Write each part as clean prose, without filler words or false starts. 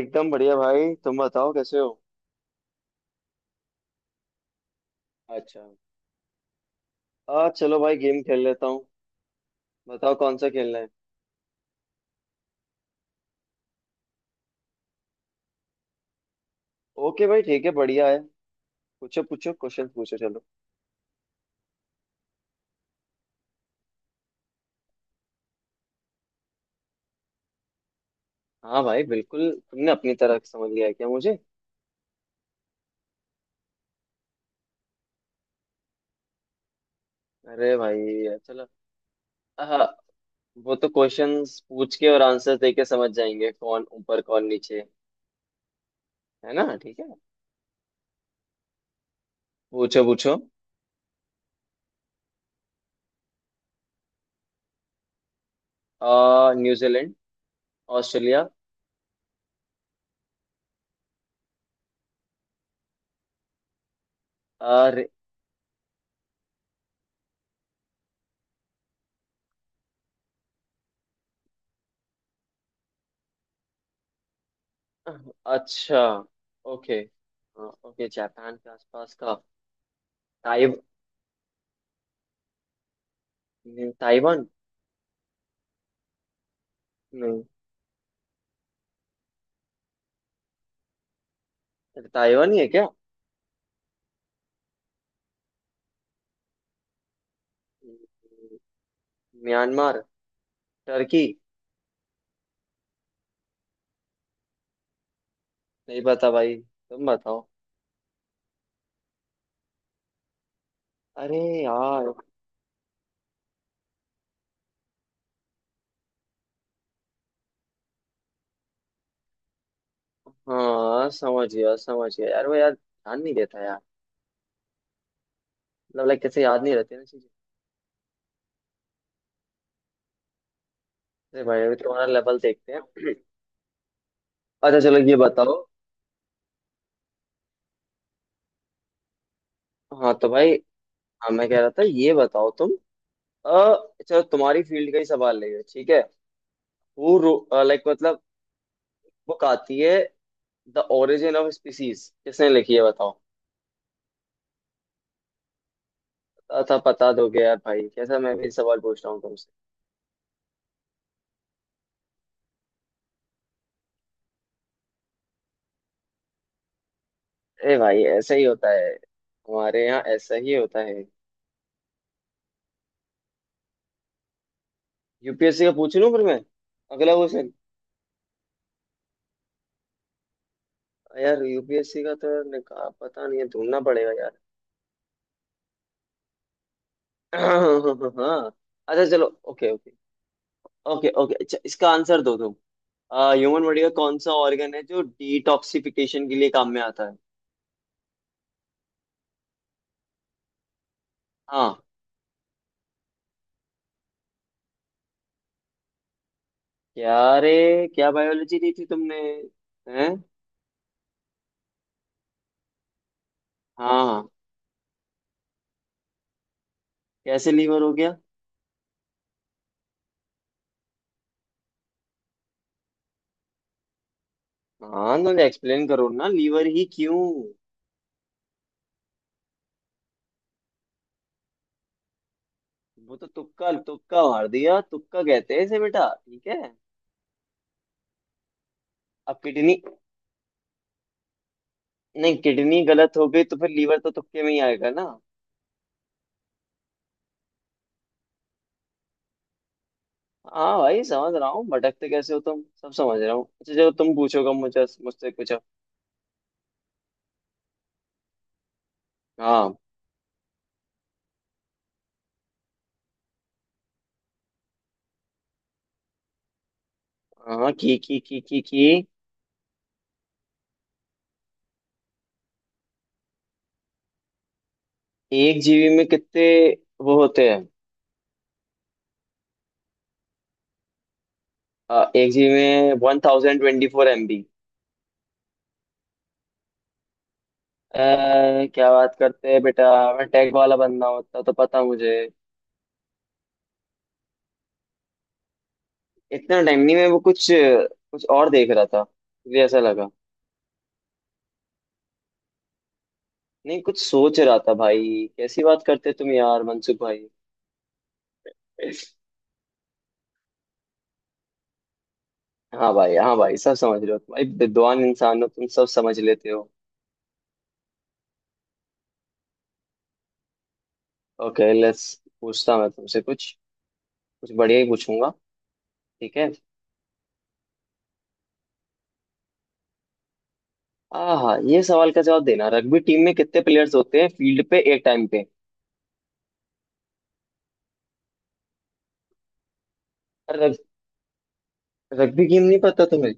एकदम बढ़िया भाई। तुम बताओ कैसे हो। अच्छा। आ चलो भाई गेम खेल लेता हूँ। बताओ कौन सा खेलना है। ओके भाई, ठीक है, बढ़िया है। पूछो पूछो, क्वेश्चन पूछो, चलो। हाँ भाई बिल्कुल। तुमने अपनी तरह समझ लिया है क्या मुझे? अरे भाई चलो। आहा, वो तो क्वेश्चंस पूछ के और आंसर दे के समझ जाएंगे कौन ऊपर कौन नीचे। है ना, ठीक है। पूछो पूछो। आ न्यूजीलैंड। ऑस्ट्रेलिया। अरे। अच्छा। ओके। हाँ, ओके, जापान के आसपास का। ताइव नहीं, ताइवान। नहीं। अरे, ताइवान ही है क्या? हम्म, म्यांमार। टर्की। नहीं पता भाई, तुम बताओ। अरे यार। हाँ, समझ गया यार, वो यार ध्यान नहीं देता यार। मतलब लाइक कैसे याद नहीं रहती ना चीजें। अरे भाई अभी तुम्हारा लेवल देखते हैं। अच्छा चलो, ये बताओ। हाँ तो भाई, हाँ मैं कह रहा था, ये बताओ तुम। अ चलो तुम्हारी फील्ड का ही सवाल लेंगे, ठीक है। वो लाइक मतलब, बुक आती है द ओरिजिन ऑफ स्पीसीज, किसने लिखी है बताओ। था पता, दोगे यार भाई, कैसा मैं भी सवाल पूछ रहा हूँ तुमसे। ए भाई, ऐसा ही होता है, हमारे यहाँ ऐसा ही होता है। यूपीएससी का पूछ लूँ फिर मैं। अगला क्वेश्चन। यार यूपीएससी का तो यार निका पता नहीं है, ढूंढना पड़ेगा यार। हाँ। अच्छा चलो, ओके ओके। ओके ओके, अच्छा इसका आंसर दो तुम। ह्यूमन बॉडी का कौन सा ऑर्गन है जो डिटॉक्सिफिकेशन के लिए काम में आता है? हाँ। क्या? रे, क्या बायोलॉजी दी थी तुमने? हैं? हाँ हाँ। कैसे लीवर हो गया? हाँ तो एक्सप्लेन करो ना, लीवर ही क्यों? वो तो तुक्का, तुक्का मार दिया। तुक्का कहते हैं इसे बेटा, ठीक है। अब किडनी। नहीं, किडनी गलत हो गई तो फिर लीवर तो तुक्के में ही आएगा ना। हाँ भाई समझ रहा हूँ, भटकते कैसे हो तुम सब समझ रहा हूँ। अच्छा जो तुम पूछोगा मुझे, मुझसे कुछ अब। हाँ हाँ की की। एक जीबी में कितने वो होते हैं? एक जीबी में 1024 एमबी। क्या बात करते हैं बेटा। मैं टेक वाला बंदा होता तो पता मुझे। इतना टाइम नहीं, मैं वो कुछ, कुछ और देख रहा था, मुझे ऐसा लगा। नहीं, कुछ सोच रहा था भाई। कैसी बात करते तुम यार, मनसुख भाई। हाँ भाई, हाँ भाई, सब समझ रहे हो तुम भाई, विद्वान इंसान हो तुम, सब समझ लेते हो। Okay let's. पूछता मैं तुमसे कुछ, कुछ बढ़िया ही पूछूंगा, ठीक है। हाँ हाँ, ये सवाल का जवाब देना। रग्बी टीम में कितने प्लेयर्स होते हैं फील्ड पे एक टाइम पे? रग, रग्बी गेम नहीं पता तुम्हें?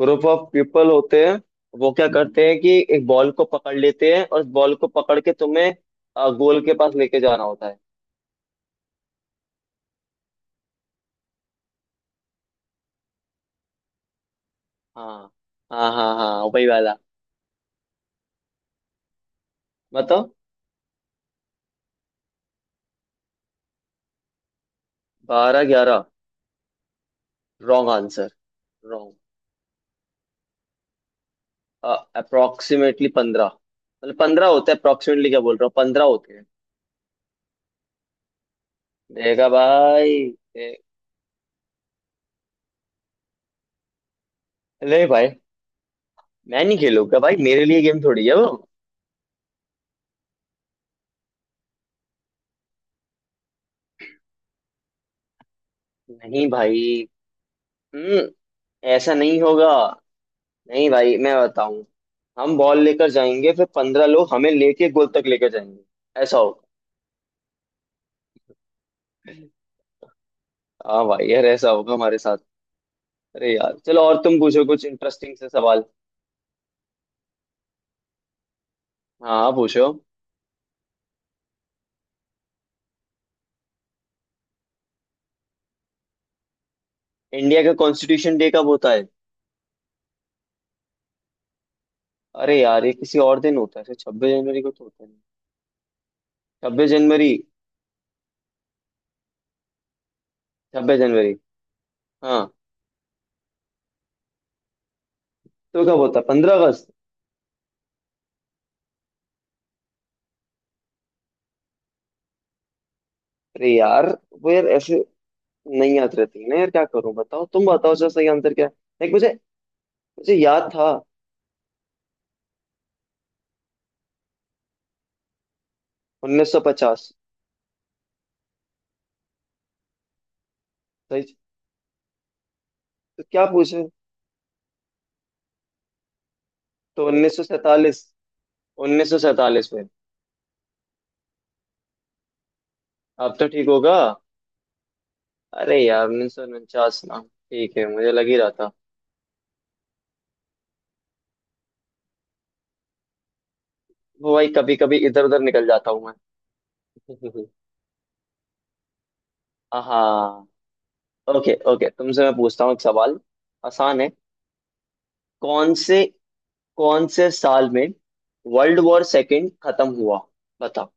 ग्रुप ऑफ पीपल होते हैं। वो क्या करते हैं कि एक बॉल को पकड़ लेते हैं और उस बॉल को पकड़ के तुम्हें गोल के पास लेके जाना होता है। हाँ हाँ हाँ हाँ, वही वाला। बताओ। 12, 11? Wrong answer. रॉन्ग। अप्रोक्सीमेटली 15। मतलब 15 होते हैं, अप्रोक्सीमेटली, क्या बोल रहा हूँ, 15 होते हैं। देखा भाई। दे- ले भाई। मैं नहीं खेलूंगा भाई, मेरे लिए गेम थोड़ी है वो। नहीं भाई। हम्म। ऐसा नहीं होगा। नहीं भाई, मैं बताऊं। हम बॉल लेकर जाएंगे, फिर 15 लोग हमें लेके गोल तक लेकर जाएंगे। ऐसा होगा। हाँ भाई यार, ऐसा होगा हमारे साथ। अरे यार चलो, और तुम पूछो कुछ इंटरेस्टिंग से सवाल। हाँ हाँ, पूछो। इंडिया का कॉन्स्टिट्यूशन डे कब होता है? अरे यार, ये किसी और दिन होता है, 26 जनवरी को तो होता नहीं। 26 जनवरी। 26 जनवरी। हाँ। तो कब होता है, 15 अगस्त? अरे यार, वो यार ऐसे नहीं याद रहती है ना यार, क्या करूं। बताओ तुम, बताओ सर, सही आंसर क्या है। देख मुझे। मुझे याद था। 1950। तो क्या पूछे। तो 1947 में। अब तो ठीक होगा। अरे यार, 1949 ना। ठीक है, मुझे लग ही रहा था। वो भाई, कभी कभी इधर उधर निकल जाता हूँ मैं। हाँ। ओके ओके, तुमसे मैं पूछता हूँ एक सवाल, आसान है। कौन से कौन से साल में वर्ल्ड वॉर सेकेंड खत्म हुआ, बताओ?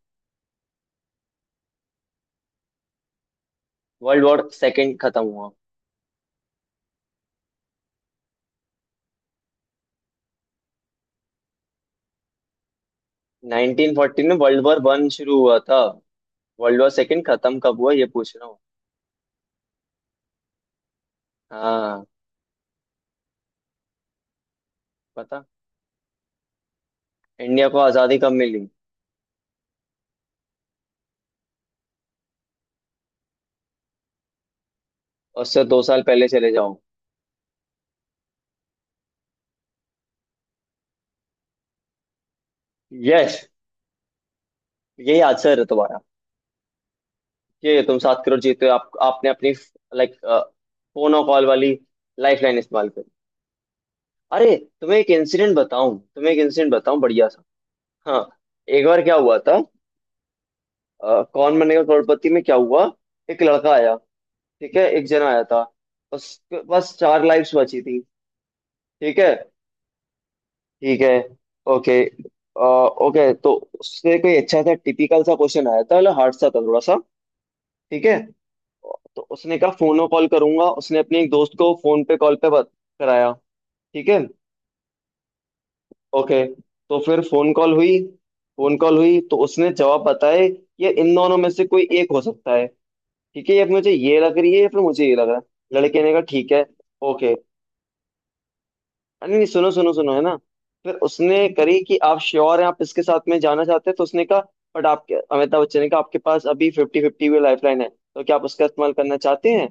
वर्ल्ड वॉर सेकेंड खत्म हुआ। 1940 में वर्ल्ड वॉर वन शुरू हुआ था। वर्ल्ड वॉर सेकेंड खत्म कब हुआ, ये पूछ रहा हूँ। हाँ पता। इंडिया को आजादी कब मिली? उससे 2 साल पहले चले जाओ। यस, यही आंसर है तुम्हारा। ये तुम 7 करोड़ जीते हो। आप, आपने अपनी लाइक फोन और कॉल वाली लाइफ लाइन इस्तेमाल करी। अरे, तुम्हें एक इंसिडेंट बताऊं, तुम्हें एक इंसिडेंट बताऊं बढ़िया सा। हाँ। एक बार क्या हुआ था। कौन बनेगा करोड़पति में क्या हुआ। एक लड़का आया, ठीक है, एक जना आया था। बस, बस 4 लाइफ्स बची थी, ठीक है, ठीक है, ओके। ओके तो उससे कोई अच्छा सा टिपिकल सा क्वेश्चन आया था, मतलब हार्ड सा था थोड़ा सा, ठीक है। तो उसने कहा फोन में कॉल करूंगा, उसने अपने एक दोस्त को फोन पे कॉल पे बात कराया, ठीक है, ओके। तो फिर फोन कॉल हुई। फोन कॉल हुई तो उसने जवाब बताए, ये इन दोनों में से कोई एक हो सकता है, ठीक है, ये मुझे ये लग रही है या फिर मुझे ये लग रहा है, लड़के ने कहा ठीक है, ओके। हाँ, नहीं नहीं, सुनो सुनो सुनो, है ना। फिर उसने करी कि आप श्योर हैं, आप इसके साथ में जाना चाहते हैं, तो उसने कहा, बट आपके अमिताभ बच्चन ने कहा आपके पास अभी 50-50 भी लाइफ लाइन है, तो क्या आप उसका इस्तेमाल करना चाहते हैं।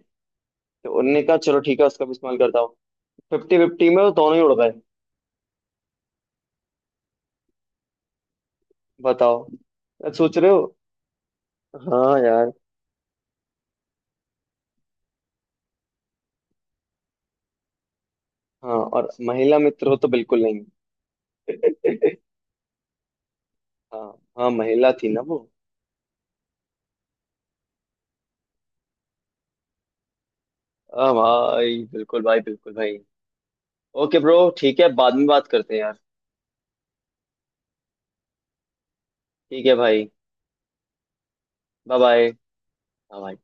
तो उन्होंने कहा चलो ठीक है, उसका भी इस्तेमाल करता हूँ। 50-50 में वो दोनों ही उड़ गए। बताओ। अब सोच रहे हो। हाँ यार। हाँ, और महिला मित्र हो तो बिल्कुल नहीं। हाँ, हाँ महिला थी ना वो। हाँ भाई, बिल्कुल भाई, बिल्कुल भाई। ओके ब्रो, ठीक है, बाद में बात करते हैं यार। ठीक है भाई। Bye bye. हाँ भाई।